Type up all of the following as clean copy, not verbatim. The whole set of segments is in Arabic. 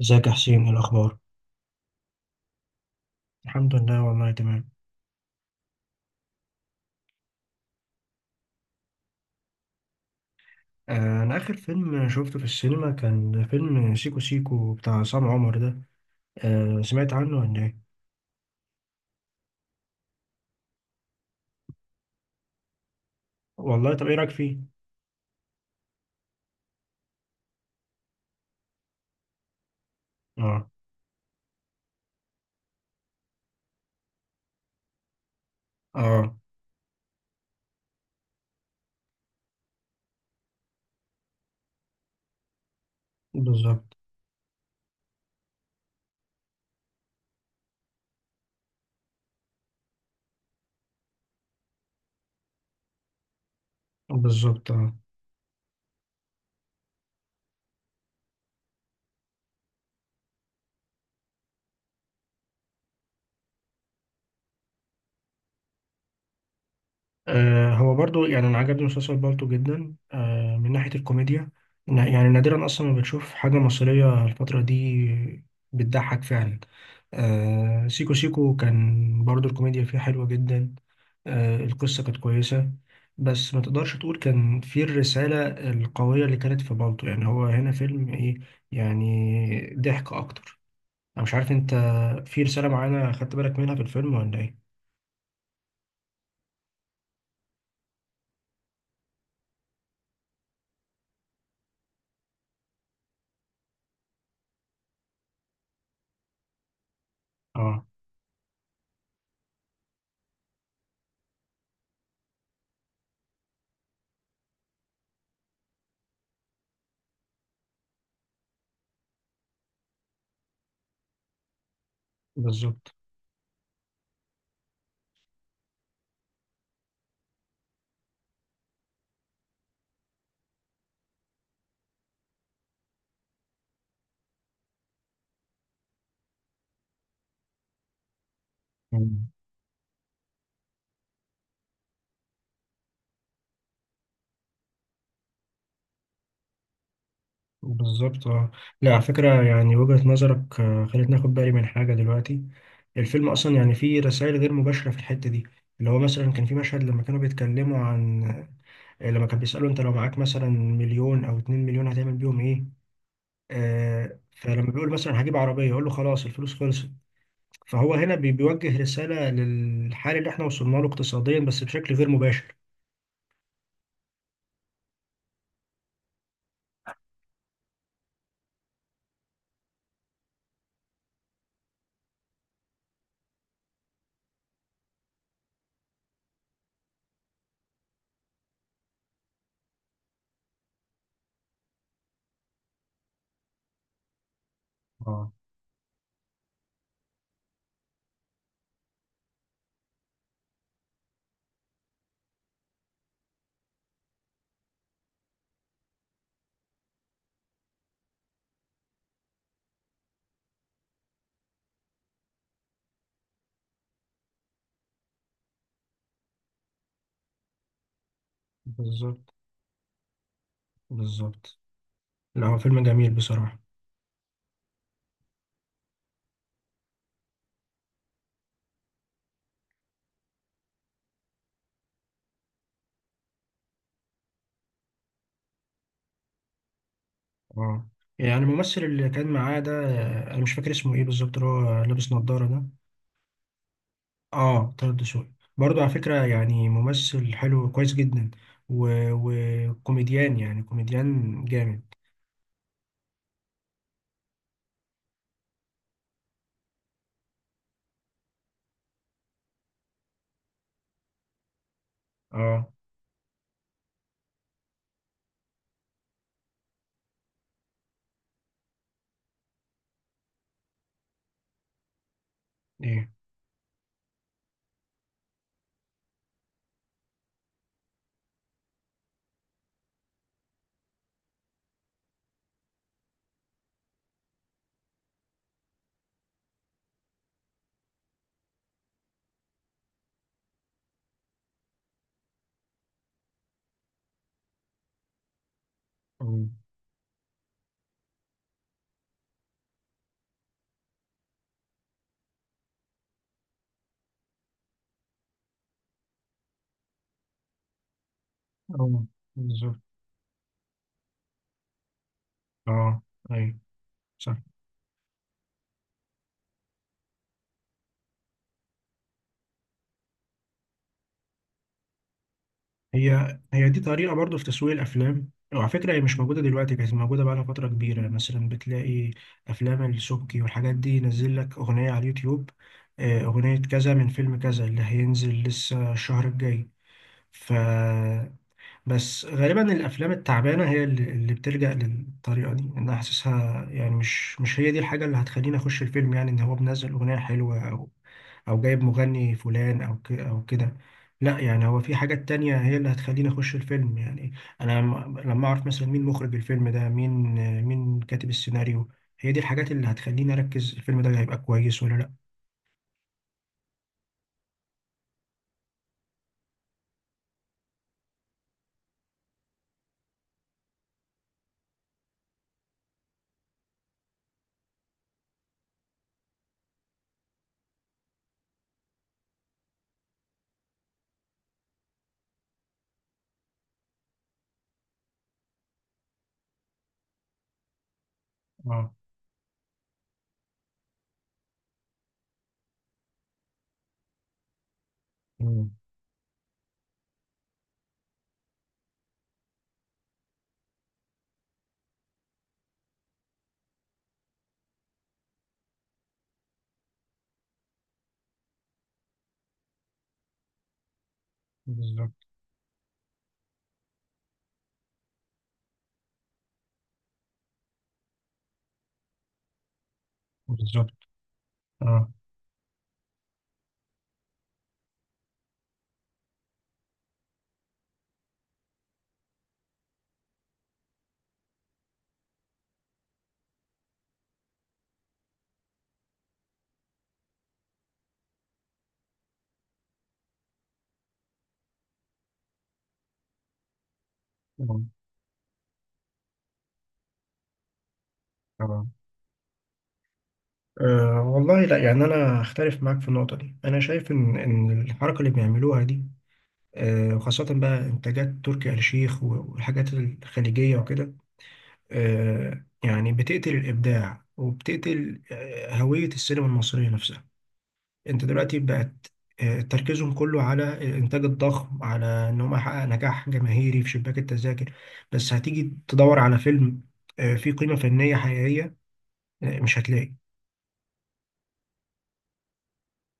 ازيك يا حسين؟ ايه الاخبار؟ الحمد لله والله تمام. انا اخر فيلم شفته في السينما كان فيلم سيكو سيكو بتاع عصام عمر ده. سمعت عنه ولا ايه؟ والله طب ايه رايك فيه؟ اه، اه، بالظبط، بالظبط، آه. هو برضو يعني انا عجبني مسلسل بالطو جدا من ناحية الكوميديا. يعني نادرا اصلا ما بتشوف حاجة مصرية الفترة دي بتضحك فعلا. سيكو سيكو كان برضو الكوميديا فيه حلوة جدا. القصة كانت كويسة، بس ما تقدرش تقول كان فيه الرسالة القوية اللي كانت في بالطو، يعني هو هنا فيلم ايه، يعني ضحك اكتر. انا مش عارف انت، في رسالة معينة خدت بالك منها في الفيلم ولا ايه؟ اه، بالظبط، بالظبط، اه. لا، على فكرة يعني وجهة نظرك خلتني اخد بالي من حاجة دلوقتي. الفيلم اصلا يعني فيه رسائل غير مباشرة في الحتة دي، اللي هو مثلا كان في مشهد لما كانوا بيتكلموا عن، لما كان بيسألوا انت لو معاك مثلا مليون او اتنين مليون هتعمل بيهم ايه؟ آه، فلما بيقول مثلا هجيب عربية يقول له خلاص الفلوس خلصت. فهو هنا بيوجه رسالة للحال اللي احنا وصلنا له اقتصاديا بس بشكل غير مباشر. اه، بالظبط، بالظبط. لا، هو فيلم جميل بصراحة. اه، يعني الممثل اللي كان معاه ده، انا مش فاكر اسمه ايه بالظبط، اللي هو لابس نظارة ده. اه، طه الدسوقي. برضه على فكرة يعني ممثل حلو كويس جدا، و- وكوميديان، يعني كوميديان جامد. اه، ايه، اه، آه، بالظبط، اه، ايوه، صح. هي هي دي طريقة برضو في تسويق الأفلام، وعلى فكرة هي مش موجودة دلوقتي، كانت موجودة بقالها فترة كبيرة. مثلا بتلاقي أفلام السبكي والحاجات دي ينزل لك أغنية على اليوتيوب، أغنية كذا من فيلم كذا اللي هينزل لسه الشهر الجاي. ف بس غالبا الأفلام التعبانة هي اللي بتلجأ للطريقة دي، أنا حاسسها يعني مش هي دي الحاجة اللي هتخليني أخش الفيلم، يعني إن هو منزل أغنية حلوة او جايب مغني فلان او كده. لا، يعني هو في حاجات تانية هي اللي هتخليني اخش الفيلم، يعني انا لما اعرف مثلا مين مخرج الفيلم ده، مين مين كاتب السيناريو، هي دي الحاجات اللي هتخليني اركز الفيلم ده هيبقى كويس ولا لا. اه. مم. بالظبط، بالظبط، اه. مم. تمام. أه والله، لا يعني أنا أختلف معاك في النقطة دي. أنا شايف إن الحركة اللي بيعملوها دي، أه، وخاصة بقى إنتاجات تركي آل الشيخ والحاجات الخليجية وكده، يعني بتقتل الإبداع، وبتقتل هوية السينما المصرية نفسها. أنت دلوقتي بقت، تركيزهم كله على الإنتاج الضخم، على إن هم يحقق نجاح جماهيري في شباك التذاكر، بس هتيجي تدور على فيلم فيه قيمة فنية حقيقية، مش هتلاقي.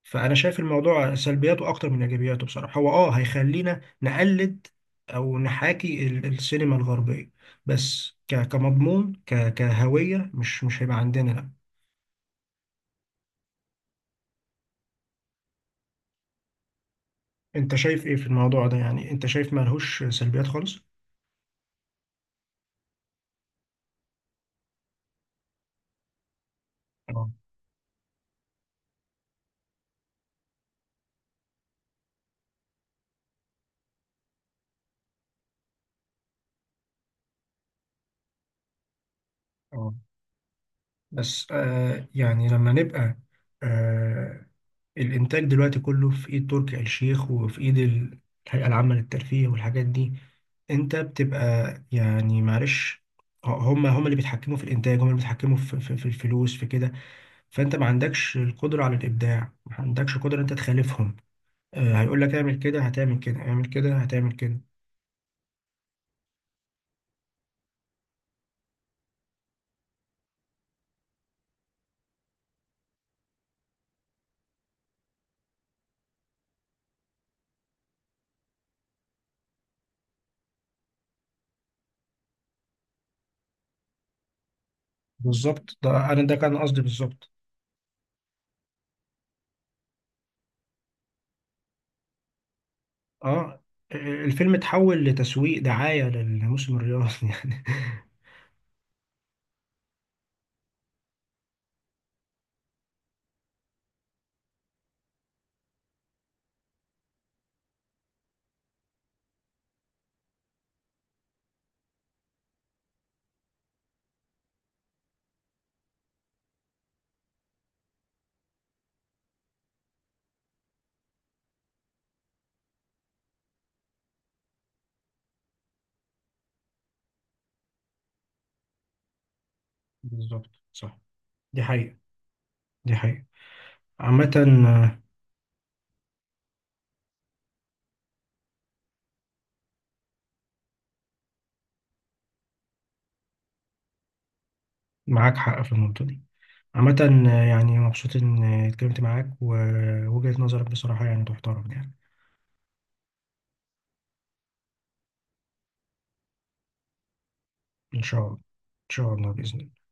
فأنا شايف الموضوع سلبياته أكتر من إيجابياته، بصراحة هو آه هيخلينا نقلد أو نحاكي السينما الغربية، بس كمضمون، كهوية مش هيبقى عندنا، لا. انت شايف ايه في الموضوع ده؟ يعني انت شايف ملهوش سلبيات خالص؟ اه، اه. بس آه يعني لما نبقى، آه، الانتاج دلوقتي كله في ايد تركي آل الشيخ وفي ايد الهيئة العامة للترفيه والحاجات دي. انت بتبقى يعني معلش، هم اللي بيتحكموا في الانتاج، هم اللي بيتحكموا في الفلوس في كده. فانت ما عندكش القدرة على الابداع، ما عندكش قدرة انت تخالفهم. آه، هيقول لك اعمل كده هتعمل كده، اعمل كده هتعمل كده. بالظبط، ده انا ده كان قصدي بالظبط. اه، الفيلم اتحول لتسويق دعاية للموسم الرياضي يعني. بالظبط، صح. دي حقيقة، دي حقيقة. عامة، آه، معاك حق في النقطة دي. عامة، يعني مبسوط إن اتكلمت معاك، ووجهة نظرك بصراحة يعني تحترم يعني. إن شاء الله، إن شاء الله، بإذن الله.